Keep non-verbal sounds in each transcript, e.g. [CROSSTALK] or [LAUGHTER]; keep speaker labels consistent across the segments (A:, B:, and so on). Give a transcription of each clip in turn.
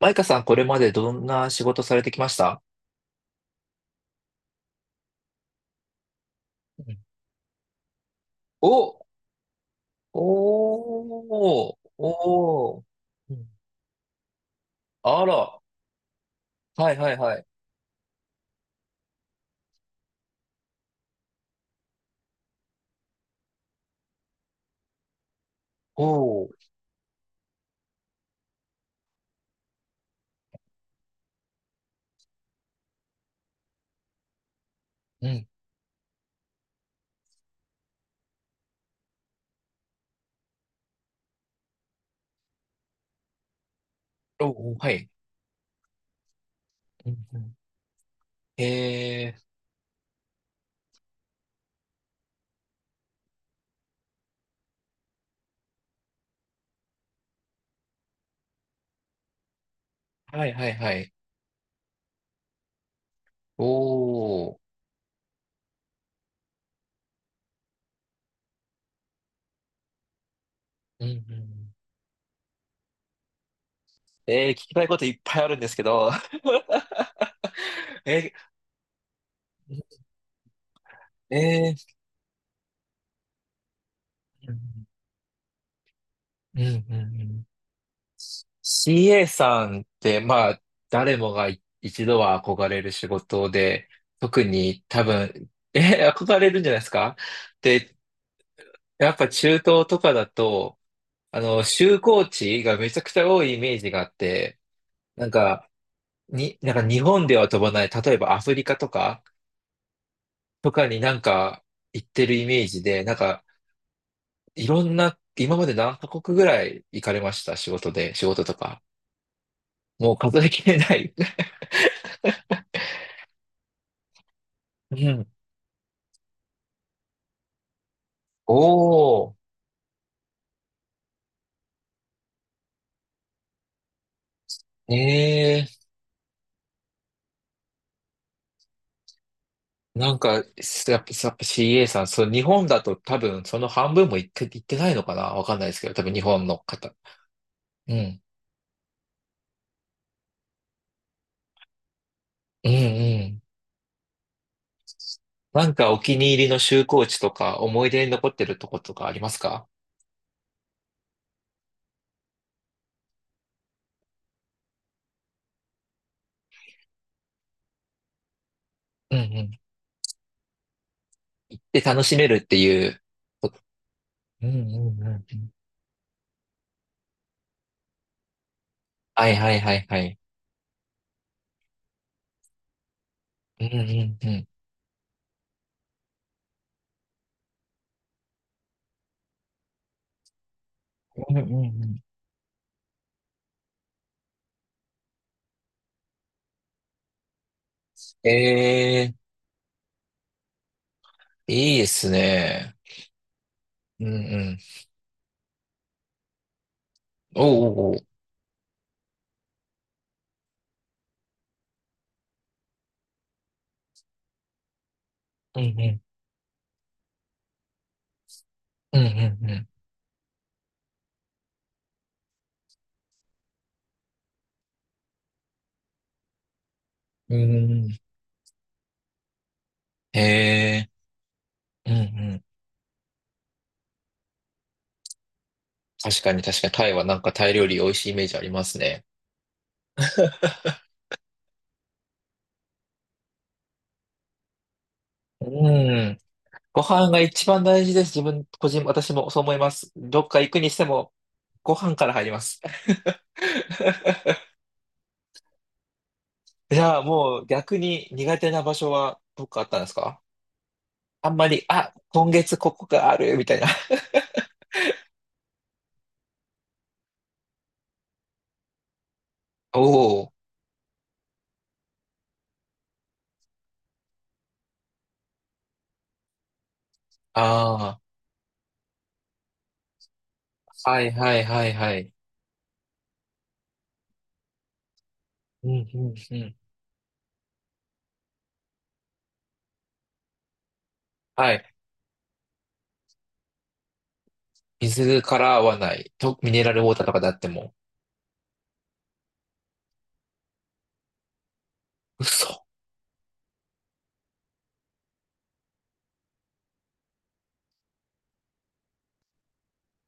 A: マイカさん、これまでどんな仕事されてきました？うん。お、おー、おー、うん。あら、はいはいはい。おー、うん。おー、はい。うんうん。えはいはいはい。おー、うんうん。えー、聞きたいこといっぱいあるんですけど。[LAUGHS] えー、えー、うんうんうん。うん、 CA さんって、まあ、誰もが一度は憧れる仕事で、特に多分、え、憧れるんじゃないですか？で、やっぱ中東とかだと、あの、就航地がめちゃくちゃ多いイメージがあって、なんか、に、なんか日本では飛ばない、例えばアフリカとか、とかになんか行ってるイメージで、なんか、いろんな、今まで何カ国ぐらい行かれました？仕事で、仕事とか。もう数えきれない。[LAUGHS] うん。おー。ええ。なんか、すやっぱ、やっぱ CA さん、そう、日本だと多分その半分も行ってないのかなわかんないですけど、多分日本の方。うん。うんうん。なんかお気に入りの就航地とか、思い出に残ってるとことかありますか？うんうん。行って楽しめるっていう。うんうんうんうん。はいはいはいはい。うんうんうん。うんうんうん。ええ。いいですね。うんうん。おうおうおう。うんうん。うんうんうん。うん。へえ。うんうん。確かに確かに、タイはなんかタイ料理美味しいイメージありますね。うん。ご飯が一番大事です。自分、個人、私もそう思います。どっか行くにしても、ご飯から入ります。[LAUGHS] じゃあもう逆に苦手な場所はどっかあったんですか？あんまり、あ、今月ここがある、みたいな。[LAUGHS] おお、ああ、はいはいはいはい。うんうんうん。はい。水から合わない。と、ミネラルウォーターとかであっても。嘘。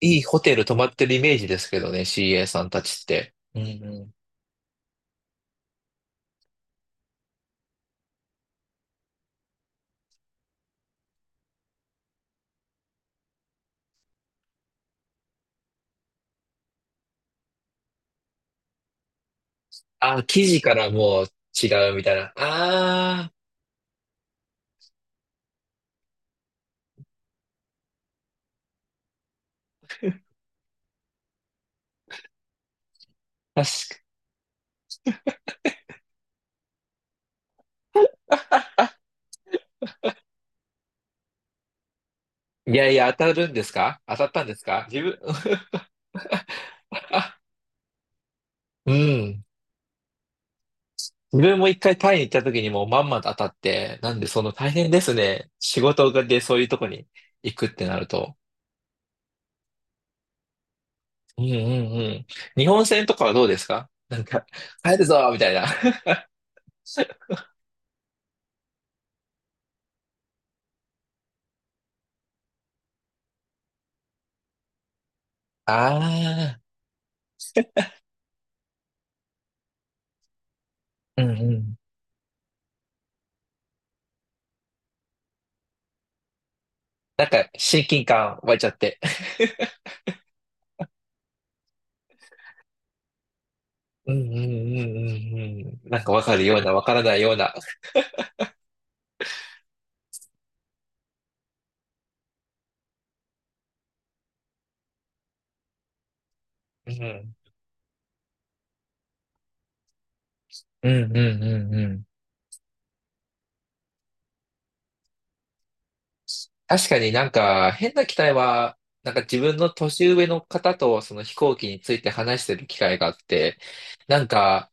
A: いいホテル泊まってるイメージですけどね、CA さんたちって。うんうん。あ、記事からもう違うみたいな。ああ、確か。いやいや、当たるんですか？当たったんですか、自分。[LAUGHS] あ、うん。自分も一回タイに行った時にもうまんまと当たって、なんでその大変ですね。仕事でそういうとこに行くってなると。うんうんうん。日本船とかはどうですか？なんか、帰るぞみたいな。[LAUGHS] ああ、うんうん。なんか、親近感湧いちゃって。うんうんうんうんうん。なんかわかるような、わからないような。うん。うんうんうんうん。確かに、なんか変な機体は、なんか自分の年上の方とその飛行機について話してる機会があって、なんか、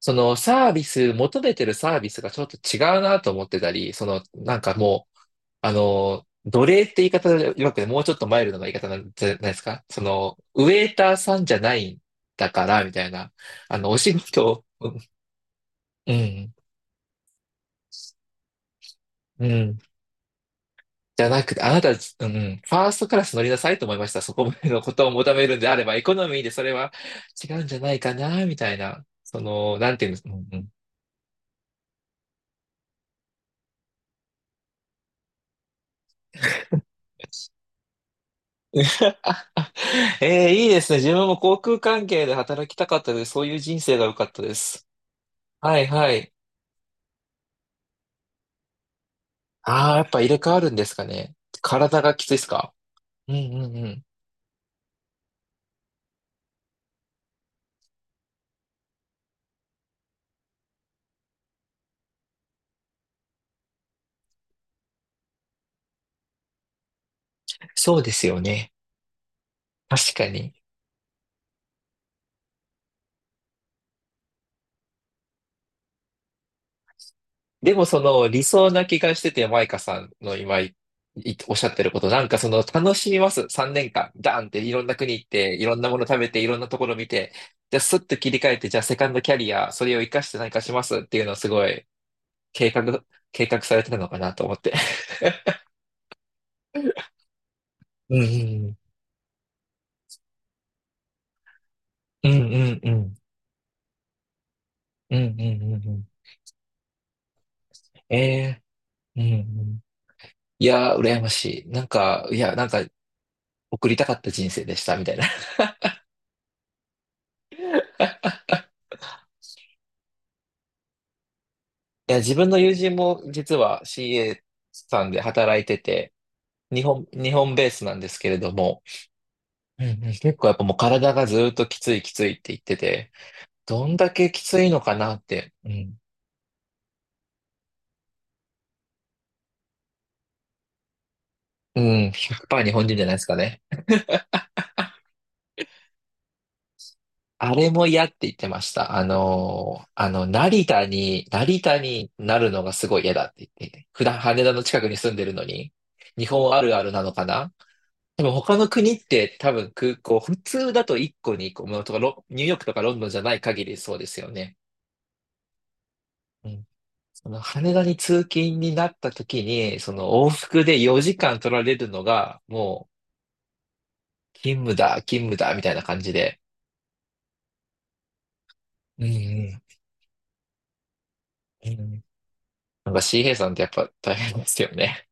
A: そのサービス、求めてるサービスがちょっと違うなと思ってたり、そのなんかもう、あの、奴隷って言い方でよくて、もうちょっとマイルドな言い方なんじゃないですか、その、ウェイターさんじゃないんだから、みたいな、あの、お仕事を、うん、うんうん。じゃなくて、あなた、うん、ファーストクラス乗りなさいと思いました。そこまでのことを求めるんであれば、エコノミーでそれは違うんじゃないかな、みたいな。その、なんていうんですか。うんうん。 [LAUGHS] えー、いいですね。自分も航空関係で働きたかったので、そういう人生が良かったです。はいはい。ああ、やっぱ入れ替わるんですかね。体がきついですか？うんうんうん。そうですよね。確かに。でもその理想な気がしてて、マイカさんの今おっしゃってること、なんかその楽しみます。3年間、ダーンっていろんな国行って、いろんなもの食べて、いろんなところ見て、じゃあスッと切り替えて、じゃあセカンドキャリア、それを活かして何かしますっていうのをすごい計画、[LAUGHS] 計画されてたのかなと思って。うんうんうんうんうんうんうんうんうん。ええ。うんうん。いやー、羨ましい。なんか、いや、なんか、送りたかった人生でした、みたいな。いや、自分の友人も実は CA さんで働いてて、日本、日本ベースなんですけれども、うんうん、結構やっぱもう体がずっときついきついって言ってて、どんだけきついのかなって、うん、うん、100%日本人じゃないですかね。あれも嫌って言ってました。あの、成田に、成田になるのがすごい嫌だって言って、普段羽田の近くに住んでるのに、日本あるあるなのかな？多分他の国って多分空港、普通だと1個に1個、ものとか、ニューヨークとかロンドンじゃない限りそうですよね。うん。その羽田に通勤になった時に、その往復で4時間取られるのが、もう勤務だ、みたいな感じで。うんうん。うん。なんか CA さんってやっぱ大変ですよね。